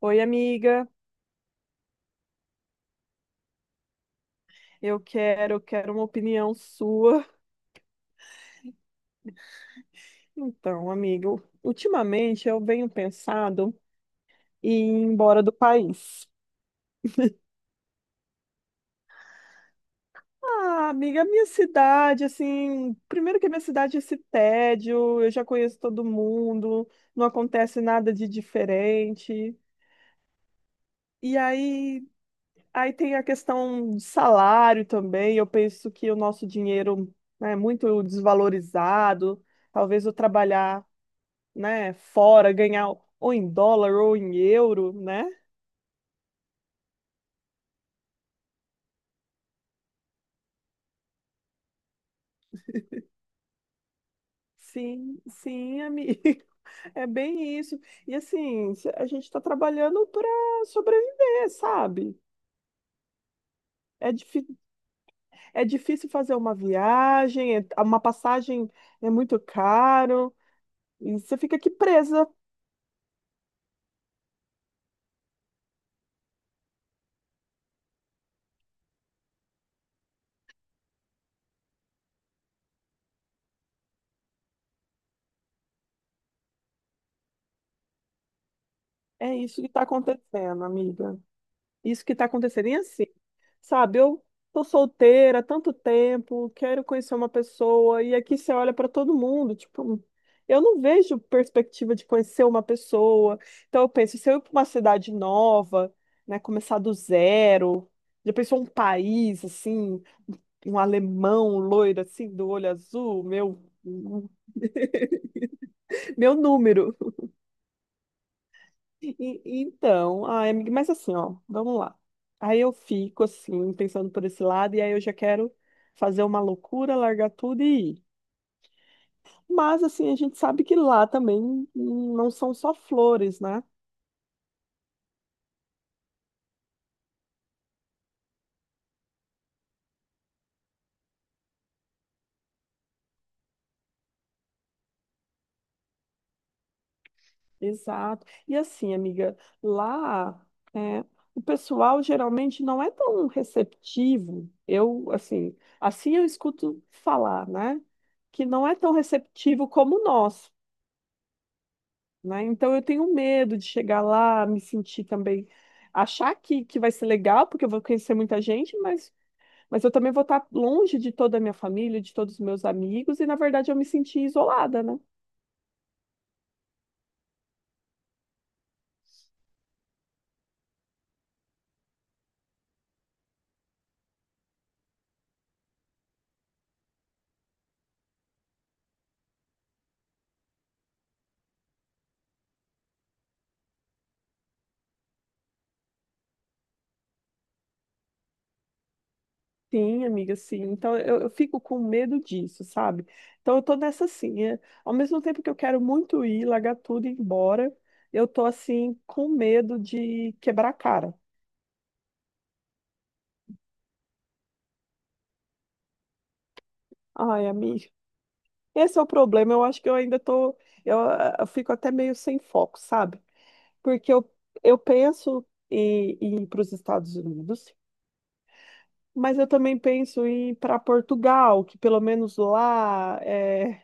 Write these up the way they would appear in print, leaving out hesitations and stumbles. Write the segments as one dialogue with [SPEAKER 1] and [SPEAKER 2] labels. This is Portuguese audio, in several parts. [SPEAKER 1] Oi, amiga. Eu quero uma opinião sua. Então, amigo, ultimamente eu venho pensando em ir embora do país. Ah, amiga, minha cidade, assim, primeiro que a minha cidade é esse tédio, eu já conheço todo mundo, não acontece nada de diferente. E aí tem a questão do salário também. Eu penso que o nosso dinheiro, né, é muito desvalorizado. Talvez eu trabalhar, né, fora, ganhar ou em dólar ou em euro, né? Sim, sim, amigo. É bem isso. E assim, a gente está trabalhando para sobreviver, sabe? É, difí é difícil fazer uma viagem. Uma passagem é muito caro, e você fica aqui presa. É isso que está acontecendo, amiga. Isso que está acontecendo. E assim, sabe, eu tô solteira há tanto tempo, quero conhecer uma pessoa, e aqui você olha para todo mundo, tipo, eu não vejo perspectiva de conhecer uma pessoa. Então eu penso, se eu ir para uma cidade nova, né, começar do zero, já pensou um país assim, um alemão loiro assim, do olho azul, meu meu número. Então, ai, amiga, mas assim, ó, vamos lá. Aí eu fico assim, pensando por esse lado, e aí eu já quero fazer uma loucura, largar tudo e ir. Mas assim, a gente sabe que lá também não são só flores, né? Exato. E assim, amiga, lá é, o pessoal geralmente não é tão receptivo. Eu, assim eu escuto falar, né? Que não é tão receptivo como nós, né? Então eu tenho medo de chegar lá, me sentir também, achar que vai ser legal, porque eu vou conhecer muita gente, mas eu também vou estar longe de toda a minha família, de todos os meus amigos, e na verdade eu me senti isolada, né? Sim, amiga, sim. Então eu fico com medo disso, sabe? Então eu tô nessa assim, ao mesmo tempo que eu quero muito ir, largar tudo e ir embora, eu tô assim com medo de quebrar a cara. Ai, amiga, esse é o problema. Eu acho que eu ainda tô, eu, eu fico até meio sem foco, sabe? Porque eu penso em ir para os Estados Unidos, mas eu também penso em ir para Portugal, que pelo menos lá é,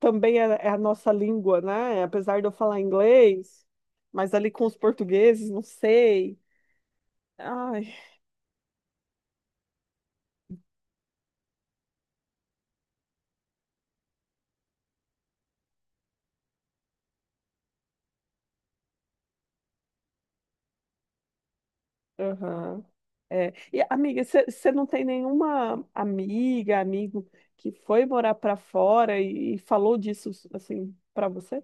[SPEAKER 1] também é a nossa língua, né? Apesar de eu falar inglês, mas ali com os portugueses, não sei. Ai, aham. É. E, amiga, você não tem nenhuma amiga, amigo que foi morar para fora e falou disso assim para você?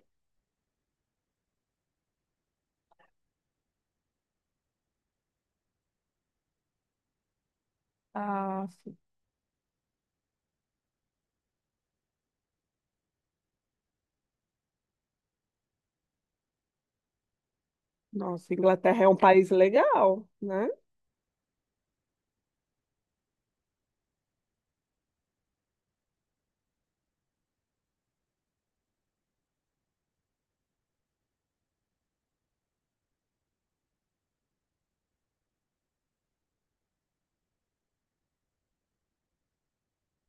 [SPEAKER 1] Ah, sim. Nossa, Inglaterra é um país legal, né?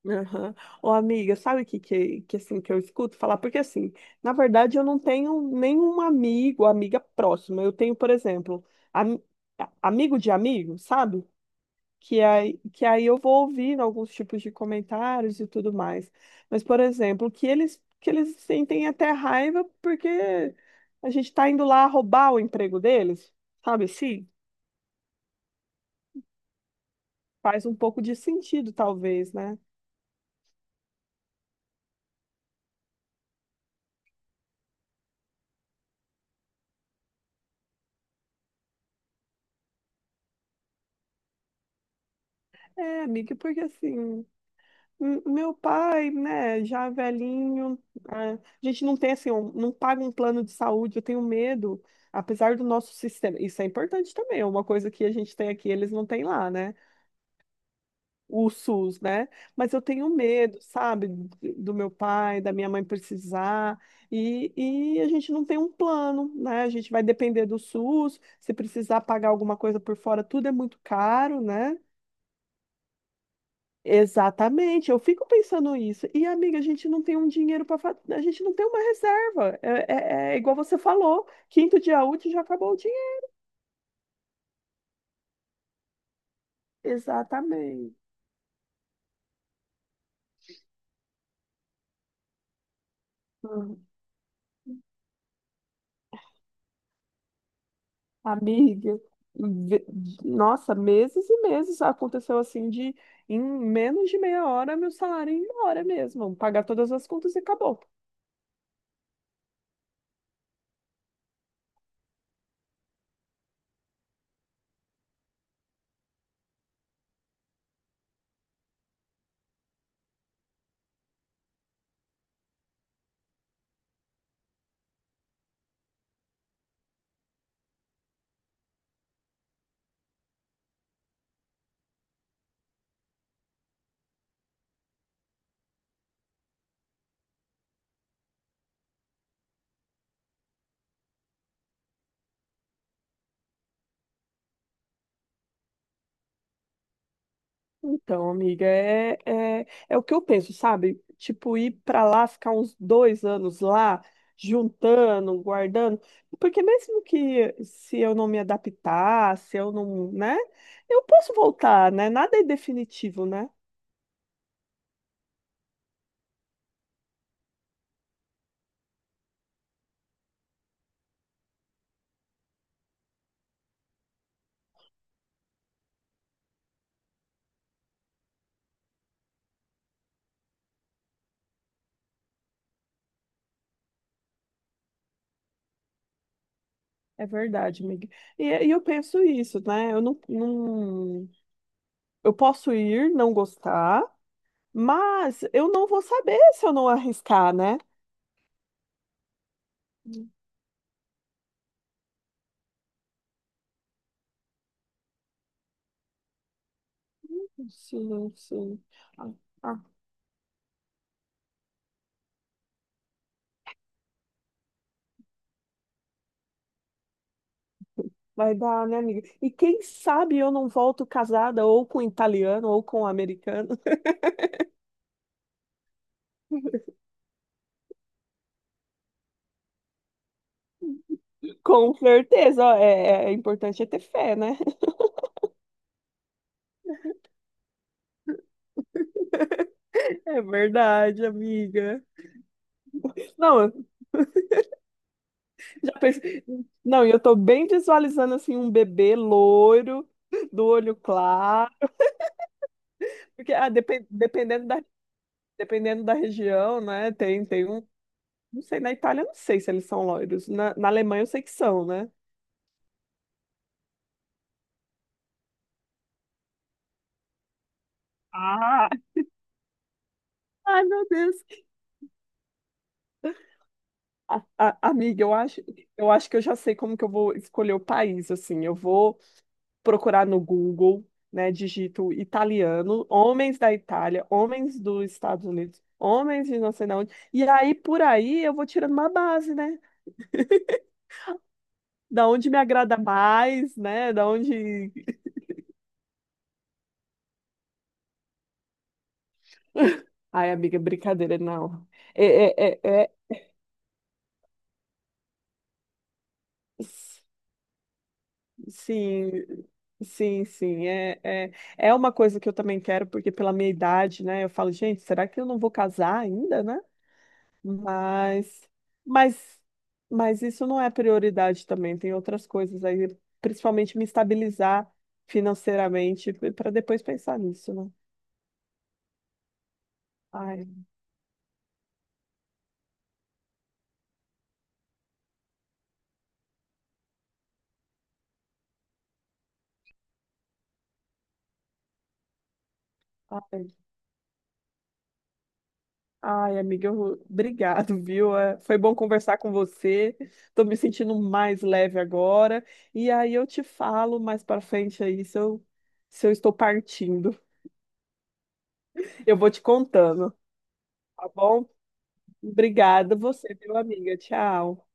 [SPEAKER 1] Aham. Ô, amiga, sabe o que, assim, que eu escuto falar? Porque, assim, na verdade, eu não tenho nenhum amigo, amiga próxima. Eu tenho, por exemplo, ami- amigo de amigo, sabe? Que aí, eu vou ouvindo alguns tipos de comentários e tudo mais. Mas, por exemplo, que eles sentem até raiva porque a gente tá indo lá roubar o emprego deles, sabe? Sim, faz um pouco de sentido, talvez, né? É, amiga, porque assim. Meu pai, né, já velhinho, a gente não tem assim, não paga um plano de saúde, eu tenho medo, apesar do nosso sistema, isso é importante também, é uma coisa que a gente tem aqui, eles não têm lá, né? O SUS, né? Mas eu tenho medo, sabe, do meu pai, da minha mãe precisar, e, e a gente não tem um plano, né? A gente vai depender do SUS, se precisar pagar alguma coisa por fora, tudo é muito caro, né? Exatamente, eu fico pensando isso. E, amiga, a gente não tem um dinheiro, para a gente não tem uma reserva. É igual você falou, quinto dia útil já acabou o dinheiro. Exatamente. Hum. Amiga, ve- nossa, meses e meses aconteceu assim de em menos de meia hora meu salário ir embora mesmo, pagar todas as contas e acabou. Então, amiga, é o que eu penso, sabe? Tipo, ir pra lá, ficar uns 2 anos lá, juntando, guardando, porque mesmo que se eu não me adaptar, se eu não, né, eu posso voltar, né? Nada é definitivo, né? É verdade, amiga. E eu penso isso, né? Eu não, não, eu posso ir, não gostar, mas eu não vou saber se eu não arriscar, né? Sim, sim. Vai dar, né, amiga? E quem sabe eu não volto casada ou com italiano ou com americano. Com certeza, ó, é importante ter fé, né? É verdade, amiga. Não, eu já pensei... Não, e eu tô bem visualizando assim um bebê loiro, do olho claro, porque dependendo da região, né? Tem um, não sei, na Itália eu não sei se eles são loiros. Na Alemanha eu sei que são, né? Ah, Ai, meu Deus. Amiga, eu acho, que eu já sei como que eu vou escolher o país, assim, eu vou procurar no Google, né, digito italiano, homens da Itália, homens dos Estados Unidos, homens de não sei de onde, e aí por aí eu vou tirando uma base, né, da onde me agrada mais, né, da onde... Ai, amiga, brincadeira, não. É, é, é, é... Sim, sim, sim. É uma coisa que eu também quero, porque pela minha idade, né? Eu falo, gente, será que eu não vou casar ainda, né? Mas, mas, mas isso não é prioridade também. Tem outras coisas aí, principalmente me estabilizar financeiramente, para depois pensar nisso, né? Ai, ai. Ai, amiga, obrigado, viu? É, foi bom conversar com você. Tô me sentindo mais leve agora. E aí eu te falo mais pra frente aí se eu, estou partindo. Eu vou te contando, tá bom? Obrigada você, viu, amiga. Tchau.